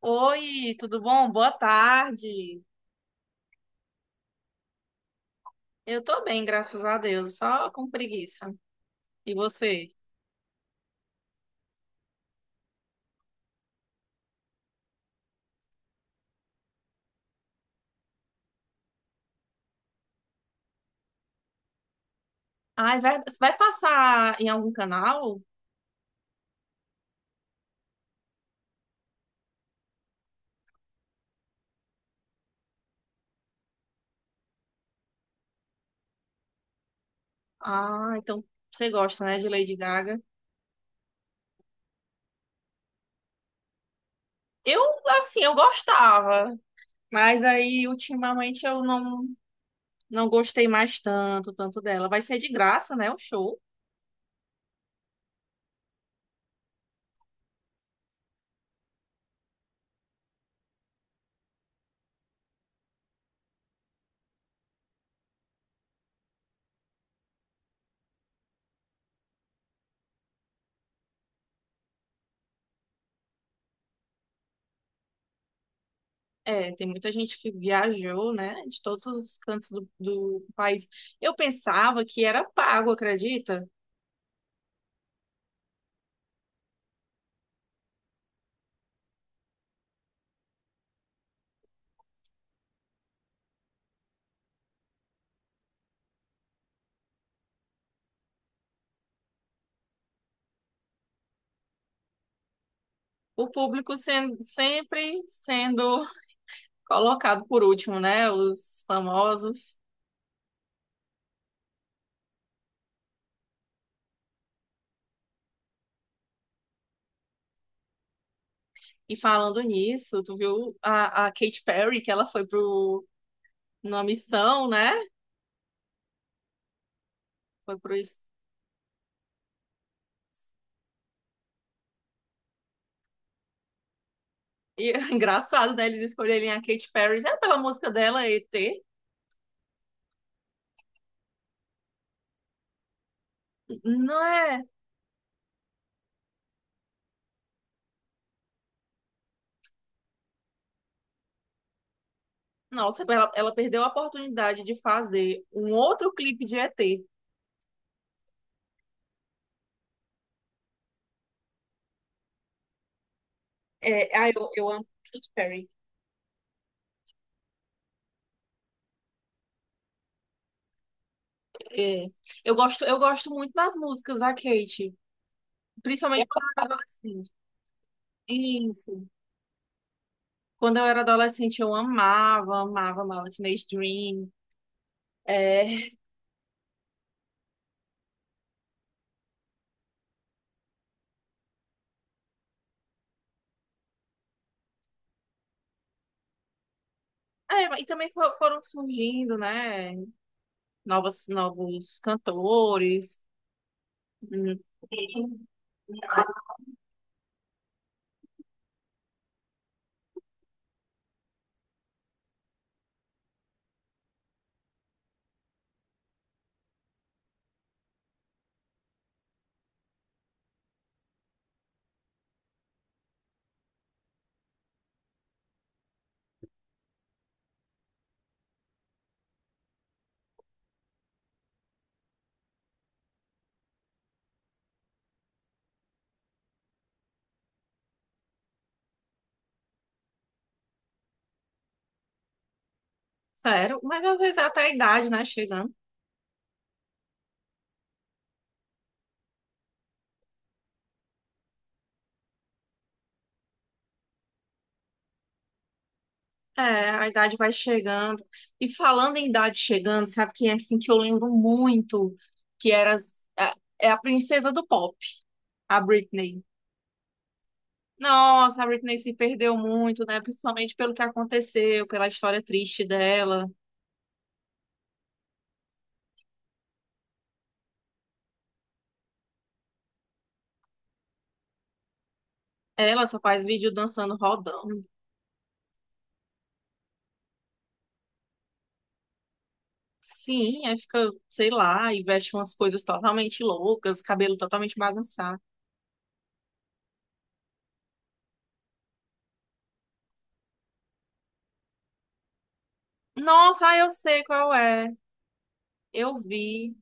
Oi, tudo bom? Boa tarde. Eu tô bem, graças a Deus, só com preguiça. E você? Ai, vai, você vai passar em algum canal? Ah, então você gosta, né, de Lady Gaga? Eu, eu gostava, mas aí ultimamente eu não, não gostei mais tanto dela. Vai ser de graça, né, o show? É, tem muita gente que viajou, né, de todos os cantos do país. Eu pensava que era pago, acredita? O público sendo, sempre sendo colocado por último, né? Os famosos. E falando nisso, tu viu a Katy Perry, que ela foi pro, numa missão, né? Foi pro. es- E, engraçado, né? Eles escolherem a Katy Perry já é pela música dela, ET. Não é? Nossa, ela perdeu a oportunidade de fazer um outro clipe de ET. Eu amo Katy Perry. É, eu gosto muito das músicas da Kate, principalmente quando eu era adolescente. Isso. Quando eu era adolescente, eu amava, amava Teenage Dream. É, é, e também foram surgindo, né, novos cantores. Hum. Sério, mas às vezes é até a idade, né, chegando. É, a idade vai chegando. E falando em idade chegando, sabe quem é assim que eu lembro muito? Que era, é a princesa do pop, a Britney. Nossa, a Britney se perdeu muito, né? Principalmente pelo que aconteceu, pela história triste dela. Ela só faz vídeo dançando rodando. Sim, aí fica, sei lá, e veste umas coisas totalmente loucas, cabelo totalmente bagunçado. Nossa, ah, eu sei qual é. Eu vi.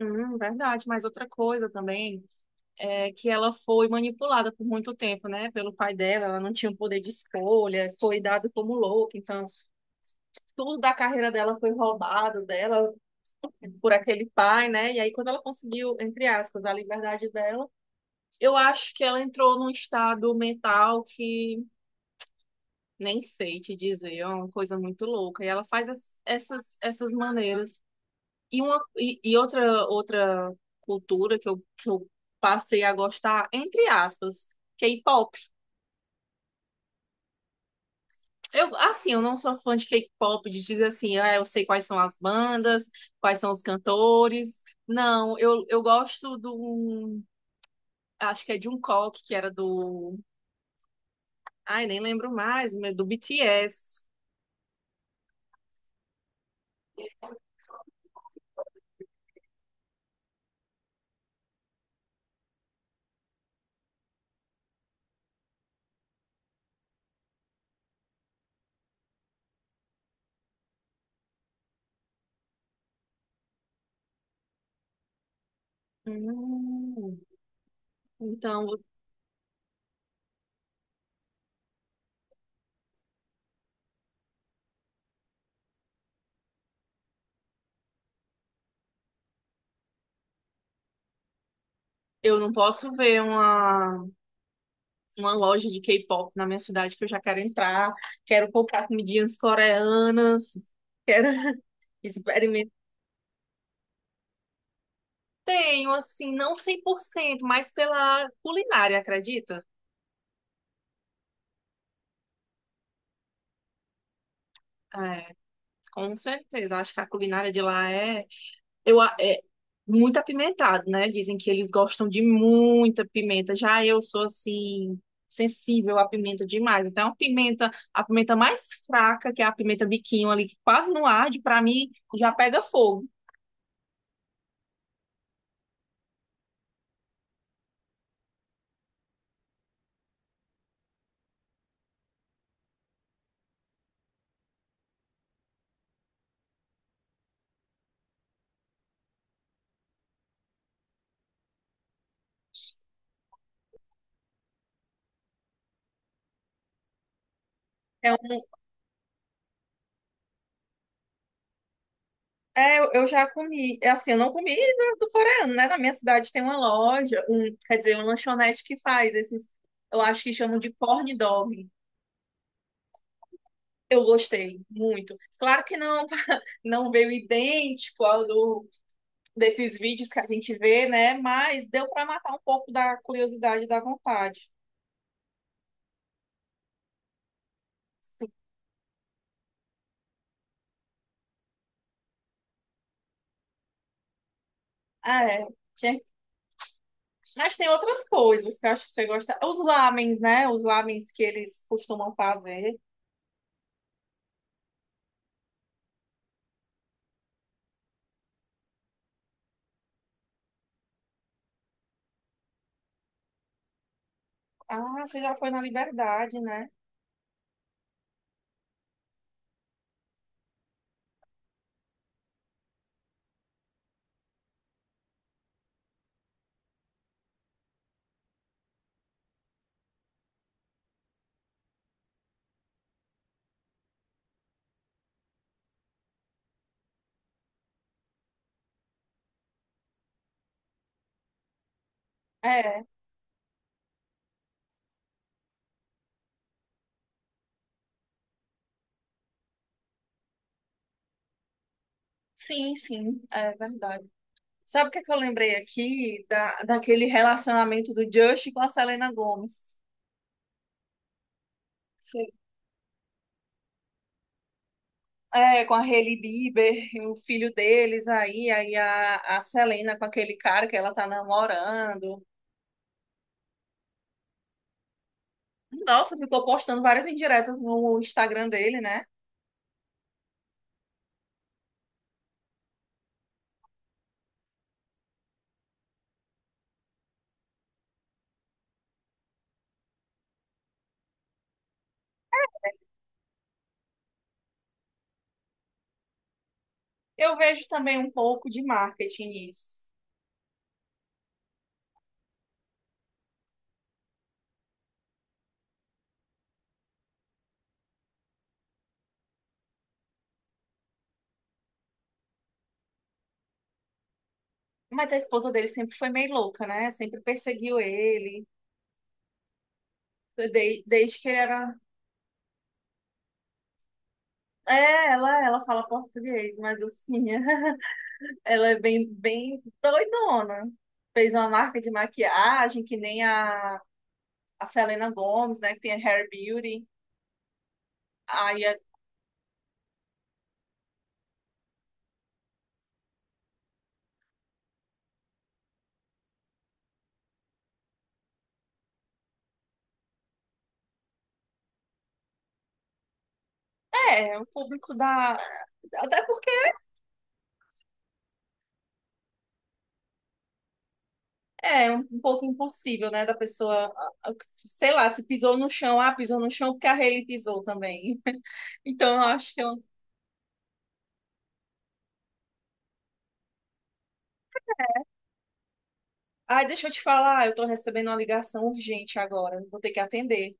Verdade, mas outra coisa também é que ela foi manipulada por muito tempo, né? Pelo pai dela, ela não tinha o poder de escolha, foi dada como louca, então tudo da carreira dela foi roubado dela, por aquele pai, né? E aí, quando ela conseguiu, entre aspas, a liberdade dela, eu acho que ela entrou num estado mental que nem sei te dizer, é uma coisa muito louca. E ela faz essas maneiras. E outra cultura que eu passei a gostar, entre aspas, K-pop. Eu não sou fã de K-pop, de dizer assim, ah, eu sei quais são as bandas, quais são os cantores. Não, eu gosto do acho que é Jungkook, que era do. Ai, nem lembro mais, mas do BTS. Hum, Então, eu não posso ver uma. Uma loja de K-pop na minha cidade que eu já quero entrar, quero comprar comidinhas coreanas, quero experimentar. Tenho, assim, não 100%, mas pela culinária, acredita? É, com certeza. Acho que a culinária de lá é, é muito apimentado, né? Dizem que eles gostam de muita pimenta. Já eu sou, assim, sensível à pimenta demais. Então, a pimenta mais fraca, que é a pimenta biquinho ali, que quase não arde, para mim já pega fogo. É um, É, eu já comi. É assim, eu não comi do coreano, né? Na minha cidade tem uma loja, um, quer dizer, uma lanchonete que faz esses, eu acho que chamam de corn dog. Eu gostei muito. Claro que não, não veio idêntico ao do, desses vídeos que a gente vê, né? Mas deu para matar um pouco da curiosidade e da vontade. Ah, é. Tinha- Mas tem outras coisas que eu acho que você gosta. Os lamens, né? Os lamens que eles costumam fazer. Ah, você já foi na Liberdade, né? É sim, sim, é verdade. Sabe o que é que eu lembrei aqui da, daquele relacionamento do Justin com a Selena Gomez? Sim. É, com a Hailey Bieber, e o filho deles aí, aí a Selena com aquele cara que ela tá namorando. Nossa, ficou postando várias indiretas no Instagram dele, né? Eu vejo também um pouco de marketing nisso. Mas a esposa dele sempre foi meio louca, né? Sempre perseguiu ele, desde que ele era é, ela fala português, mas assim, ela é bem, bem doidona. Fez uma marca de maquiagem que nem a Selena Gomez, né? Que tem a Hair Beauty. Aí é, é, o público da. Até porque é um pouco impossível, né? Da pessoa, ah, sei lá, se pisou no chão, ah, pisou no chão porque a Hailey pisou também. Então eu acho que eu. Ai, deixa eu te falar, eu tô recebendo uma ligação urgente agora, vou ter que atender.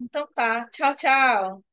Então tá, tchau, tchau.